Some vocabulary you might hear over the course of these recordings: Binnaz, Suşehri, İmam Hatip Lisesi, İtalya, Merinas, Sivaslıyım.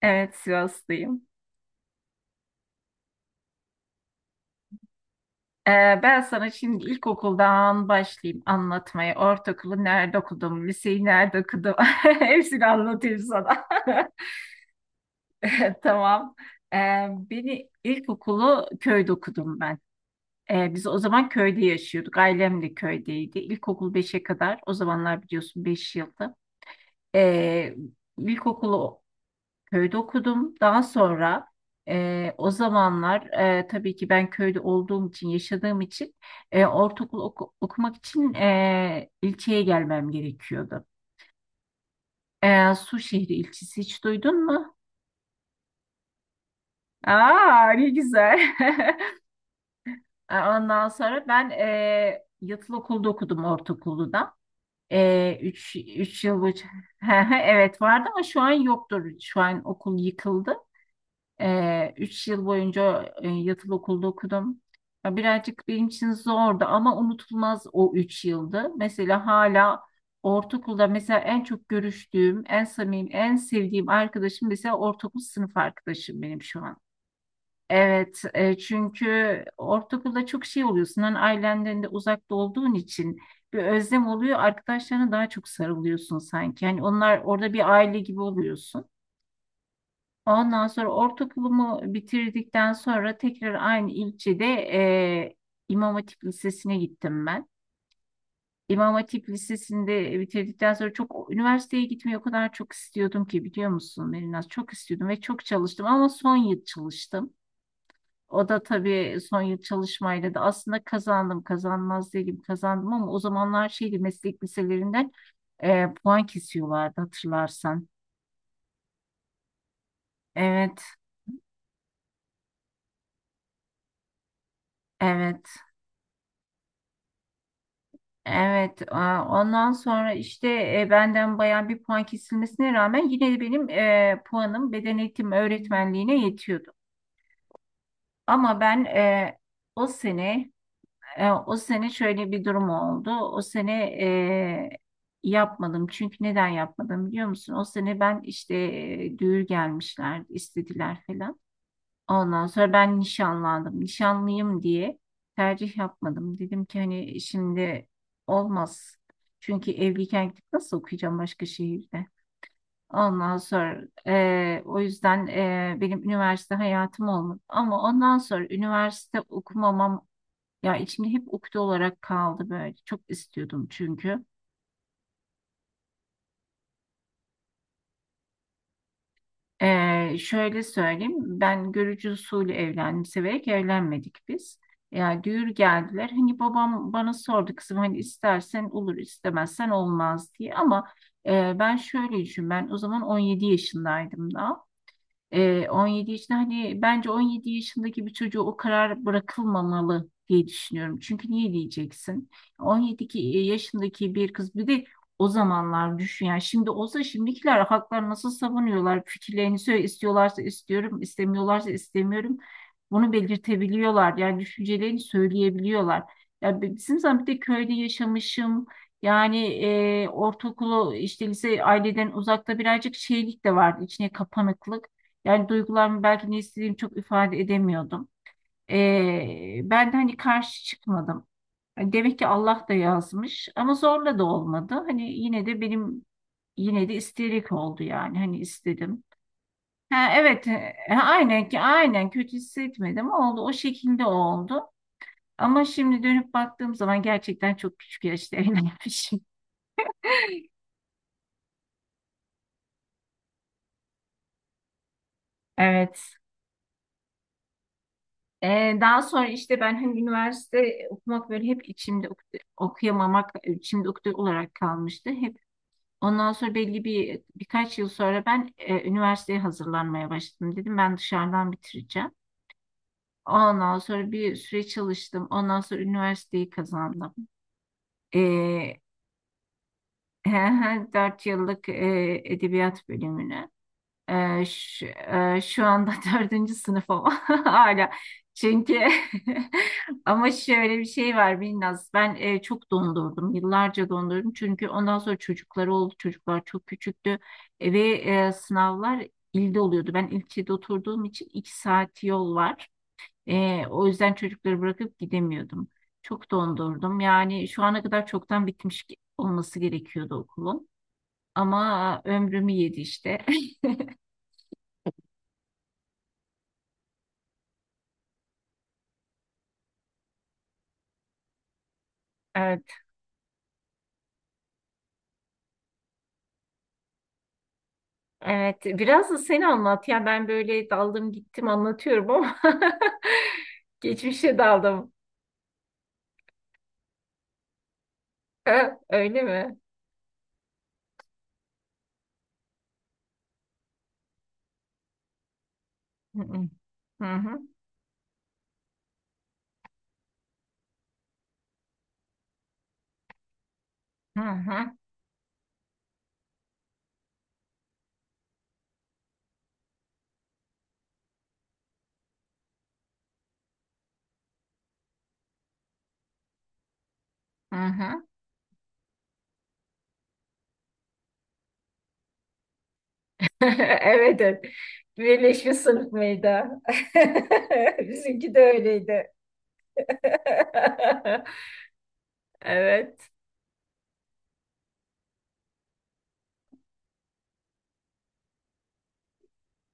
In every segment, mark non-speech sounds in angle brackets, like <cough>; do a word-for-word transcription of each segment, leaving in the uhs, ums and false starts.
Evet, Sivaslıyım. Ee, Ben sana şimdi ilkokuldan başlayayım anlatmaya. Ortaokulu nerede okudum, liseyi nerede okudum, <laughs> hepsini anlatayım sana. <laughs> <laughs> Tamam. Ee, Beni ilkokulu köyde okudum ben. Ee, biz o zaman köyde yaşıyorduk. Ailem de köydeydi. İlkokul beşe kadar. O zamanlar biliyorsun beş yıldı. Ee, ilkokulu köyde okudum. Daha sonra e, o zamanlar e, tabii ki ben köyde olduğum için, yaşadığım için e, ortaokul oku- okumak için e, ilçeye gelmem gerekiyordu. E, Suşehri ilçesi hiç duydun mu? Aa, ne güzel. <laughs> E, Ondan sonra ben e, yatılı okulda okudum ortaokulda. Da. E, üç, üç yıl boyunca. <laughs> Evet vardı ama şu an yoktur. Şu an okul yıkıldı. Ee, üç yıl boyunca e, yatılı okulda okudum. Ya birazcık benim için zordu ama unutulmaz o üç yıldı. Mesela hala ortaokulda mesela en çok görüştüğüm, en samimi, en sevdiğim arkadaşım mesela ortaokul sınıf arkadaşım benim şu an. Evet, e, çünkü ortaokulda çok şey oluyorsun. Hani ailenden de uzakta olduğun için bir özlem oluyor. Arkadaşlarına daha çok sarılıyorsun sanki. Yani onlar orada bir aile gibi oluyorsun. Ondan sonra ortaokulumu bitirdikten sonra tekrar aynı ilçede e, İmam Hatip Lisesi'ne gittim ben. İmam Hatip Lisesi'nde bitirdikten sonra çok üniversiteye gitmeyi o kadar çok istiyordum ki biliyor musun Merinas? Çok istiyordum ve çok çalıştım ama son yıl çalıştım. O da tabii son yıl çalışmayla da aslında kazandım kazanmaz değilim kazandım ama o zamanlar şeydi meslek liselerinden e, puan kesiyorlardı hatırlarsan. Evet, evet. Evet, a- ondan sonra işte e, benden bayağı bir puan kesilmesine rağmen yine de benim e, puanım beden eğitimi öğretmenliğine yetiyordu. Ama ben e, o sene e, o sene şöyle bir durum oldu. O sene e, yapmadım. Çünkü neden yapmadım biliyor musun? O sene ben işte e, düğür gelmişler, istediler falan. Ondan sonra ben nişanlandım. Nişanlıyım diye tercih yapmadım. Dedim ki hani şimdi olmaz. Çünkü evliyken gidip nasıl okuyacağım başka şehirde? Ondan sonra eee, o yüzden eee, benim üniversite hayatım olmadı. Ama ondan sonra üniversite okumamam ya içimde hep ukde olarak kaldı böyle. Çok istiyordum çünkü. Ee, şöyle söyleyeyim, ben görücü usulü evlendim, severek evlenmedik biz. Yani düğür geldiler, hani babam bana sordu kızım hani istersen olur, istemezsen olmaz diye. Ama e, ben şöyle düşün, ben o zaman on yedi yaşındaydım da. Ee, on yedi yaşında hani bence on yedi yaşındaki bir çocuğu o karar bırakılmamalı diye düşünüyorum. Çünkü niye diyeceksin? on yedi ki- e, yaşındaki bir kız bir de o zamanlar düşün yani şimdi olsa şimdikiler haklar nasıl savunuyorlar fikirlerini söyle istiyorlarsa istiyorum istemiyorlarsa istemiyorum bunu belirtebiliyorlar yani düşüncelerini söyleyebiliyorlar. Ya bi- bizim zaman bir de köyde yaşamışım yani e, ortaokulu işte lise aileden uzakta birazcık şeylik de vardı içine kapanıklık. Yani duygularımı belki ne istediğimi çok ifade edemiyordum. Ee, ben de hani karşı çıkmadım. Yani demek ki Allah da yazmış ama zorla da olmadı. Hani yine de benim yine de isteyerek oldu yani hani istedim. Ha, evet, e, aynen ki aynen kötü hissetmedim oldu o şekilde oldu. Ama şimdi dönüp baktığım zaman gerçekten çok küçük yaşta evlenmişim. <laughs> Evet. Ee, daha sonra işte ben hani üniversite okumak böyle hep içimde ok- okuyamamak, içimde ukde olarak kalmıştı. Hep ondan sonra belli bir birkaç yıl sonra ben e, üniversiteye hazırlanmaya başladım. Dedim ben dışarıdan bitireceğim. Ondan sonra bir süre çalıştım. Ondan sonra üniversiteyi kazandım. Ee, <laughs> dört yıllık e, edebiyat bölümünü. Ee, şu, e, şu anda <laughs> dördüncü sınıf ama <laughs> hala. Çünkü <laughs> ama şöyle bir şey var Binnaz. Ben e, çok dondurdum. Yıllarca dondurdum. Çünkü ondan sonra çocukları oldu. Çocuklar çok küçüktü. E, ve e, Sınavlar ilde oluyordu. Ben ilçede oturduğum için iki saat yol var. E, o yüzden çocukları bırakıp gidemiyordum. Çok dondurdum. Yani şu ana kadar çoktan bitmiş olması gerekiyordu okulun. Ama ömrümü yedi işte. <laughs> Evet. Evet, biraz da sen anlat. Ya ben böyle daldım gittim anlatıyorum ama <laughs> geçmişe daldım. Ö, Öyle mi? Hı hı hı hı hı. hı hı. <laughs> Evet, evet. Birleşmiş sınıf mıydı? <laughs> Bizimki de öyleydi. <laughs> Evet,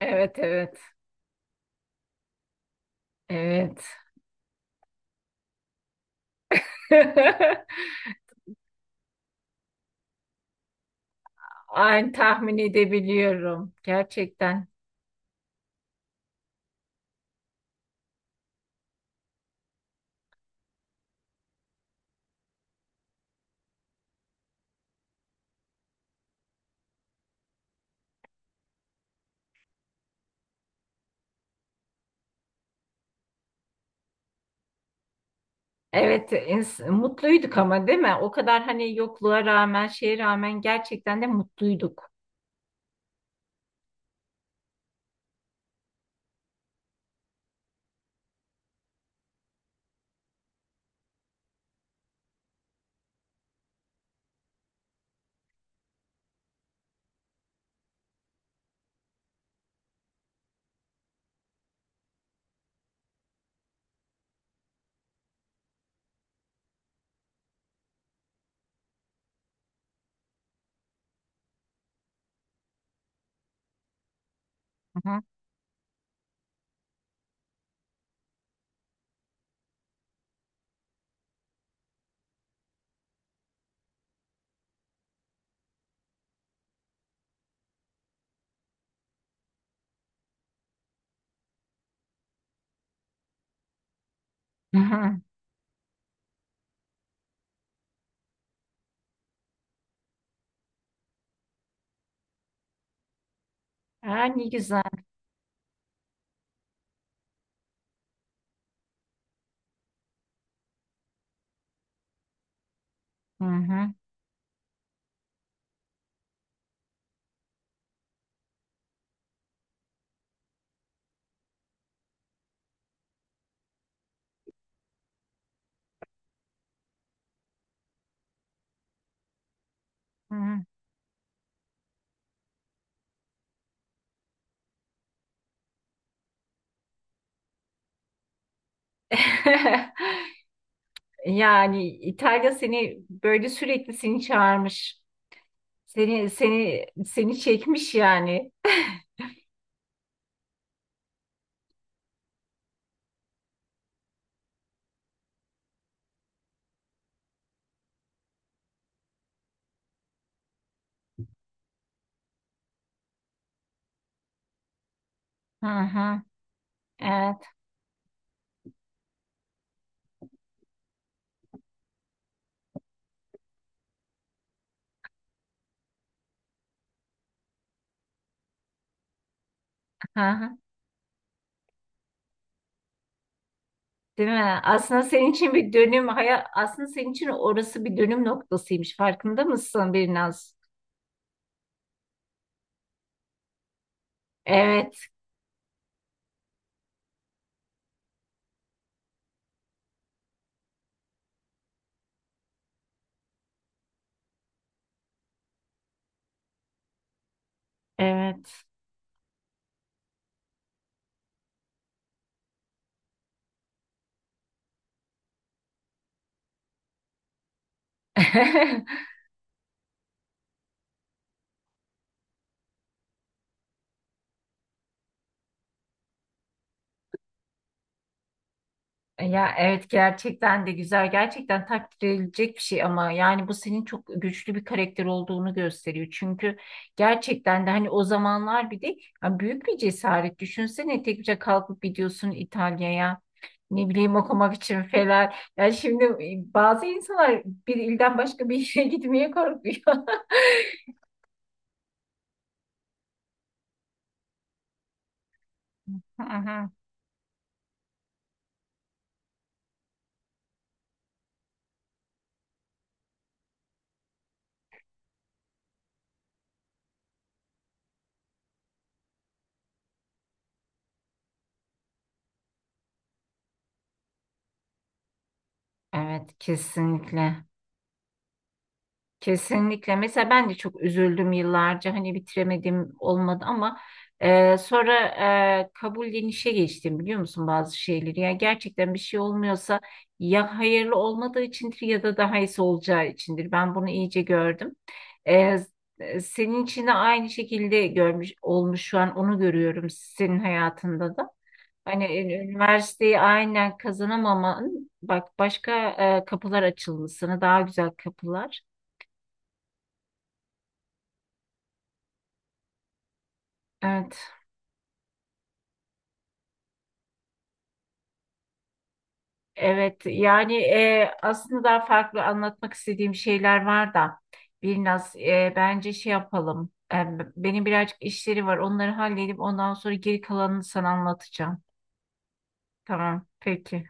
evet, evet, evet. <laughs> Aynı tahmin edebiliyorum gerçekten. Evet, ins- mutluyduk ama değil mi? O kadar hani yokluğa rağmen, şeye rağmen gerçekten de mutluyduk. Hı hı. Hı hı. Ha, ne güzel. Hı hı. Hı hı. <laughs> Yani İtalya seni böyle sürekli seni çağırmış. Seni seni seni çekmiş yani. Hı hı. Evet. Hı hı. Değil mi? Aslında senin için bir dönüm hayat aslında senin için orası bir dönüm noktasıymış. Farkında mısın biraz? Evet, evet. <laughs> E, Ya evet gerçekten de güzel gerçekten takdir edilecek bir şey ama yani bu senin çok güçlü bir karakter olduğunu gösteriyor. Çünkü gerçekten de hani o zamanlar bir de ya büyük bir cesaret düşünsene tek başına kalkıp gidiyorsun İtalya'ya ne bileyim okumak için falan. Yani şimdi e, bazı insanlar bir ilden başka bir yere <laughs> gitmeye korkuyor. <laughs> Hı hı. Evet kesinlikle. Kesinlikle. Mesela ben de çok üzüldüm yıllarca. Hani bitiremedim olmadı ama e, sonra e, kabullenişe geçtim biliyor musun bazı şeyleri. Yani gerçekten bir şey olmuyorsa ya hayırlı olmadığı içindir ya da daha iyisi olacağı içindir. Ben bunu iyice gördüm. E, e, Senin için de aynı şekilde görmüş olmuş şu an onu görüyorum senin hayatında da. Hani ü- üniversiteyi aynen kazanamaman bak başka e, kapılar açılmasını daha güzel kapılar. Evet. Evet yani e, aslında daha farklı anlatmak istediğim şeyler var da biraz e, bence şey yapalım. E, benim birazcık işleri var onları halledip ondan sonra geri kalanını sana anlatacağım. Tamam peki.